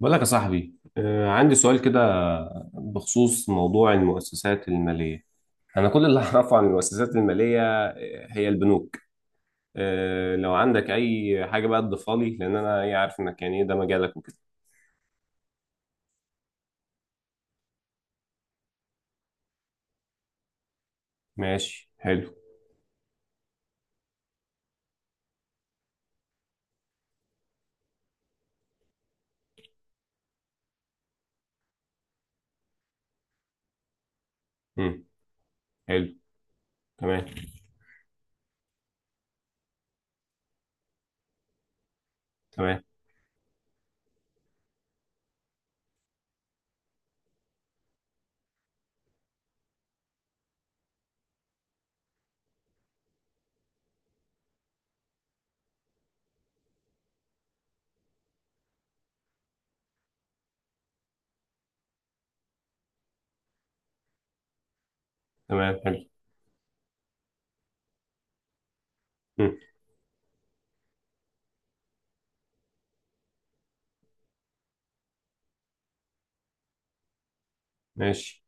بقول لك يا صاحبي، عندي سؤال كده بخصوص موضوع المؤسسات المالية. أنا كل اللي أعرفه عن المؤسسات المالية، هي البنوك. لو عندك أي حاجة بقى تضيفها لي، لأن أنا إيه عارف إنك يعني إيه ده مجالك وكده. ماشي، حلو. مم. حلو. تمام، تمام، تمام. حلو. مم. ماشي.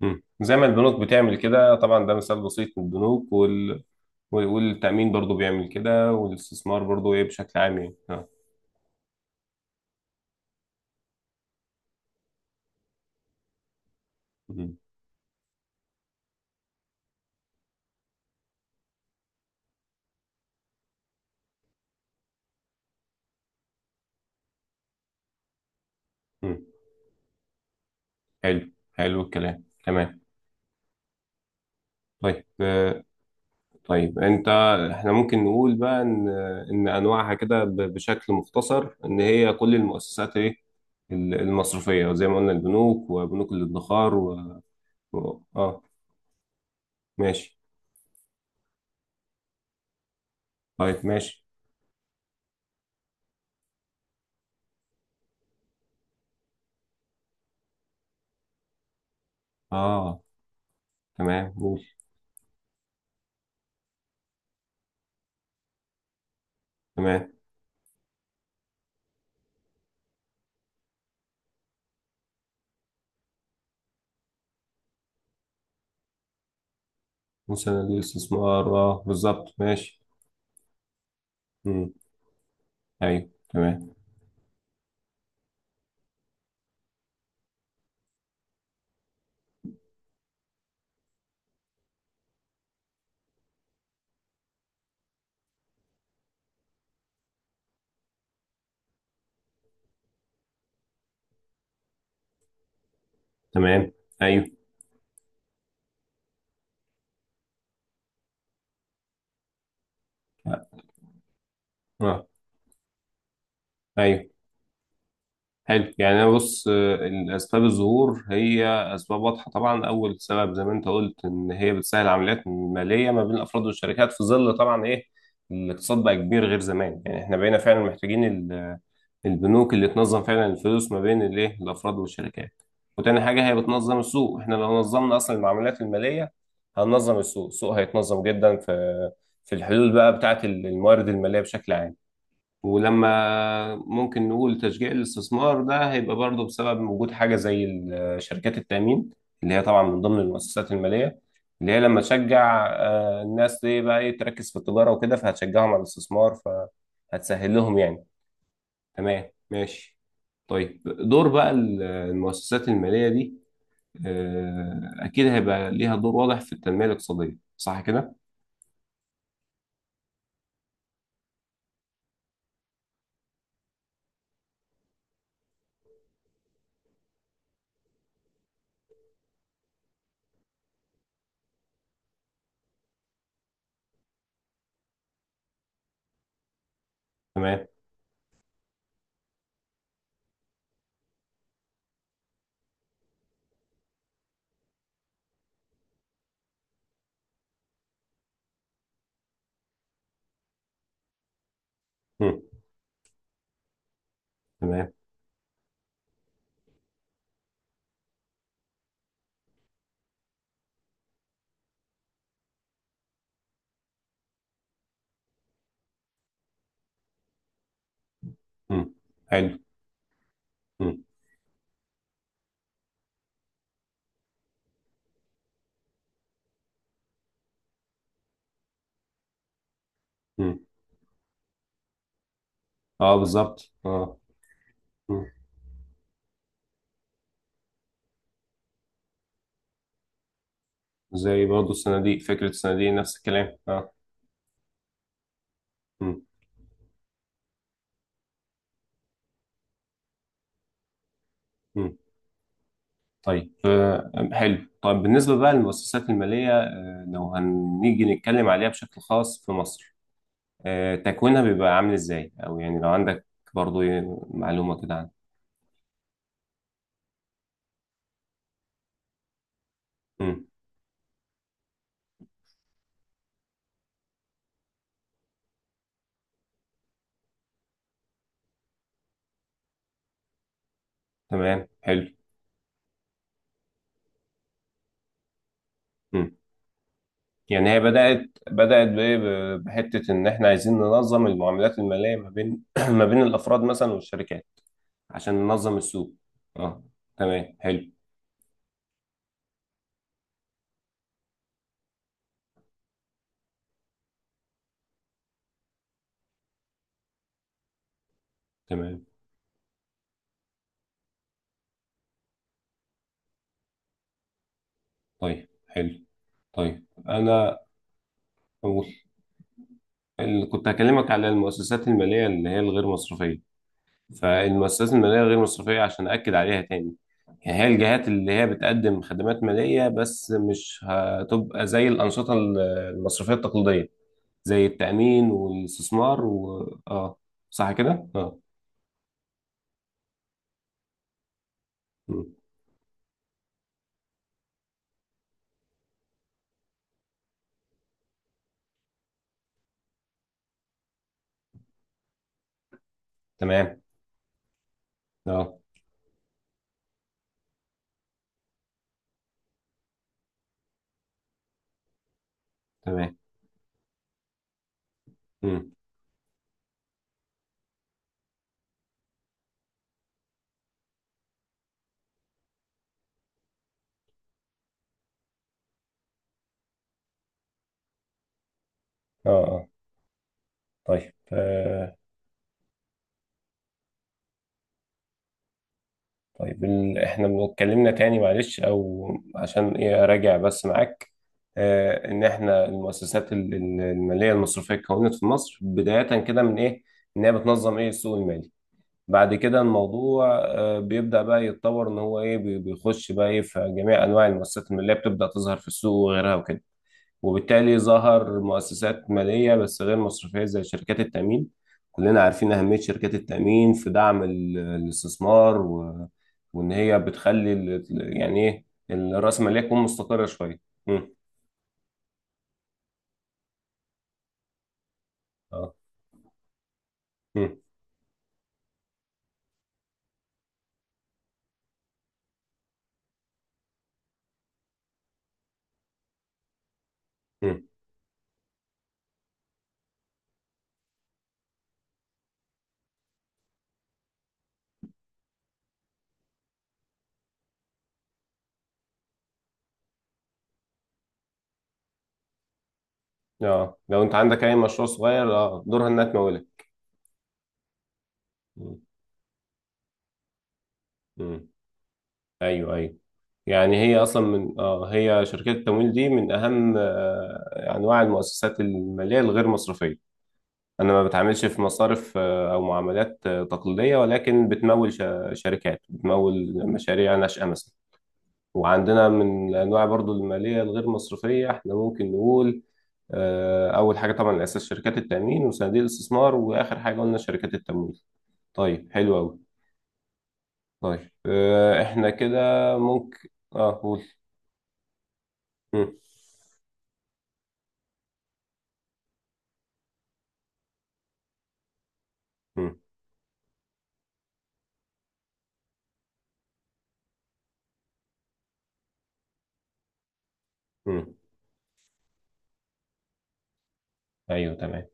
مم. زي ما البنوك بتعمل كده، طبعا ده مثال بسيط من البنوك والتأمين برضو بيعمل كده، والاستثمار برضو إيه بشكل عام يعني. مم. مم. حلو، حلو الكلام، تمام. طيب، طيب انت، احنا ممكن نقول بقى ان انواعها كده بشكل مختصر، ان هي كل المؤسسات ايه المصرفيه زي ما قلنا، البنوك وبنوك الادخار اه. ماشي. طيب ماشي. اه تمام، قول. تمام. مثلا للاستثمار، اه بالظبط، ماشي. امم، ايوه تمام، تمام، ايوه، اه آه، ايوه. حلو، يعني انا بص، الاسباب الظهور هي اسباب واضحه. طبعا اول سبب زي ما انت قلت، ان هي بتسهل عمليات ماليه ما بين الافراد والشركات، في ظل طبعا ايه الاقتصاد بقى كبير غير زمان، يعني احنا بقينا فعلا محتاجين البنوك اللي تنظم فعلا الفلوس ما بين الايه الافراد والشركات. وتاني حاجه، هي بتنظم السوق، احنا لو نظمنا اصلا المعاملات الماليه هننظم السوق، السوق هيتنظم جدا في الحلول بقى بتاعه الموارد الماليه بشكل عام. ولما ممكن نقول تشجيع الاستثمار، ده هيبقى برضه بسبب وجود حاجة زي شركات التأمين، اللي هي طبعا من ضمن المؤسسات المالية، اللي هي لما تشجع الناس دي بقى ايه تركز في التجارة وكده، فهتشجعهم على الاستثمار فهتسهل لهم يعني. تمام، ماشي. طيب دور بقى المؤسسات المالية دي، أكيد هيبقى ليها دور واضح في التنمية الاقتصادية، صح كده؟ تمام. مم. تمام. مم. حلو. مم. مم. اه بالظبط، اه. زي برضه الصناديق، فكرة الصناديق نفس الكلام، اه. مم. مم. طيب، حلو. طيب بالنسبة بقى للمؤسسات المالية، لو هنيجي نتكلم عليها بشكل خاص في مصر، تكوينها بيبقى عامل ازاي، او يعني لو عندك برضه ايه معلومة كده عنها. مم. تمام، حلو. مم. يعني هي بدأت بإيه؟ بحتة إن إحنا عايزين ننظم المعاملات المالية ما بين ما بين الأفراد مثلا والشركات، عشان ننظم السوق. اه. تمام، حلو. تمام. طيب، حلو. طيب انا اقول، اللي كنت هكلمك على المؤسسات الماليه اللي هي الغير مصرفيه. فالمؤسسات الماليه الغير مصرفيه، عشان اكد عليها تاني، يعني هي الجهات اللي هي بتقدم خدمات ماليه بس مش هتبقى زي الانشطه المصرفيه التقليديه، زي التامين والاستثمار و اه. صح كده، اه. مم. تمام، اه. تمام. مم. اه، اه. طيب، طيب احنا اتكلمنا تاني، معلش، او عشان ايه اراجع بس معاك، ان احنا المؤسسات الماليه المصرفيه اتكونت في مصر بدايه كده من ايه، ان هي بتنظم ايه السوق المالي. بعد كده الموضوع بيبدا بقى يتطور، ان هو ايه بيخش بقى ايه في جميع انواع المؤسسات الماليه بتبدا تظهر في السوق وغيرها وكده. وبالتالي ظهر مؤسسات مالية بس غير مصرفية زي شركات التأمين. كلنا عارفين أهمية شركات التأمين في دعم الاستثمار وإن هي بتخلي يعني إيه الرأس المالية تكون مستقرة شوية. مم. اه. مم. مم. اه، لو أنت عندك أي مشروع صغير، اه دورها إنها تمولك. مم. مم. أيوه، أيوه. يعني هي أصلا من اه هي شركات التمويل دي من أهم أنواع المؤسسات المالية الغير مصرفية. انا ما بتعاملش في مصارف، او معاملات تقليديه، ولكن بتمول شركات، بتمول مشاريع ناشئه مثلا. وعندنا من الانواع برضو الماليه الغير مصرفيه، احنا ممكن نقول اول حاجه طبعا الاساس شركات التامين وصناديق الاستثمار، واخر حاجه قلنا شركات التمويل. طيب حلو قوي. طيب، احنا كده ممكن. اه، قول. مم، مم، مم. ايوه، تمام.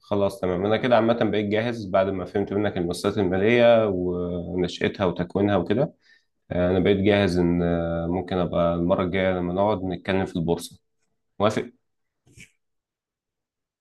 خلاص، تمام. انا كده عامه بقيت جاهز، بعد ما فهمت منك المؤسسات الماليه ونشاتها وتكوينها وكده، انا بقيت جاهز ان ممكن ابقى المره الجايه لما نقعد نتكلم في البورصه. موافق.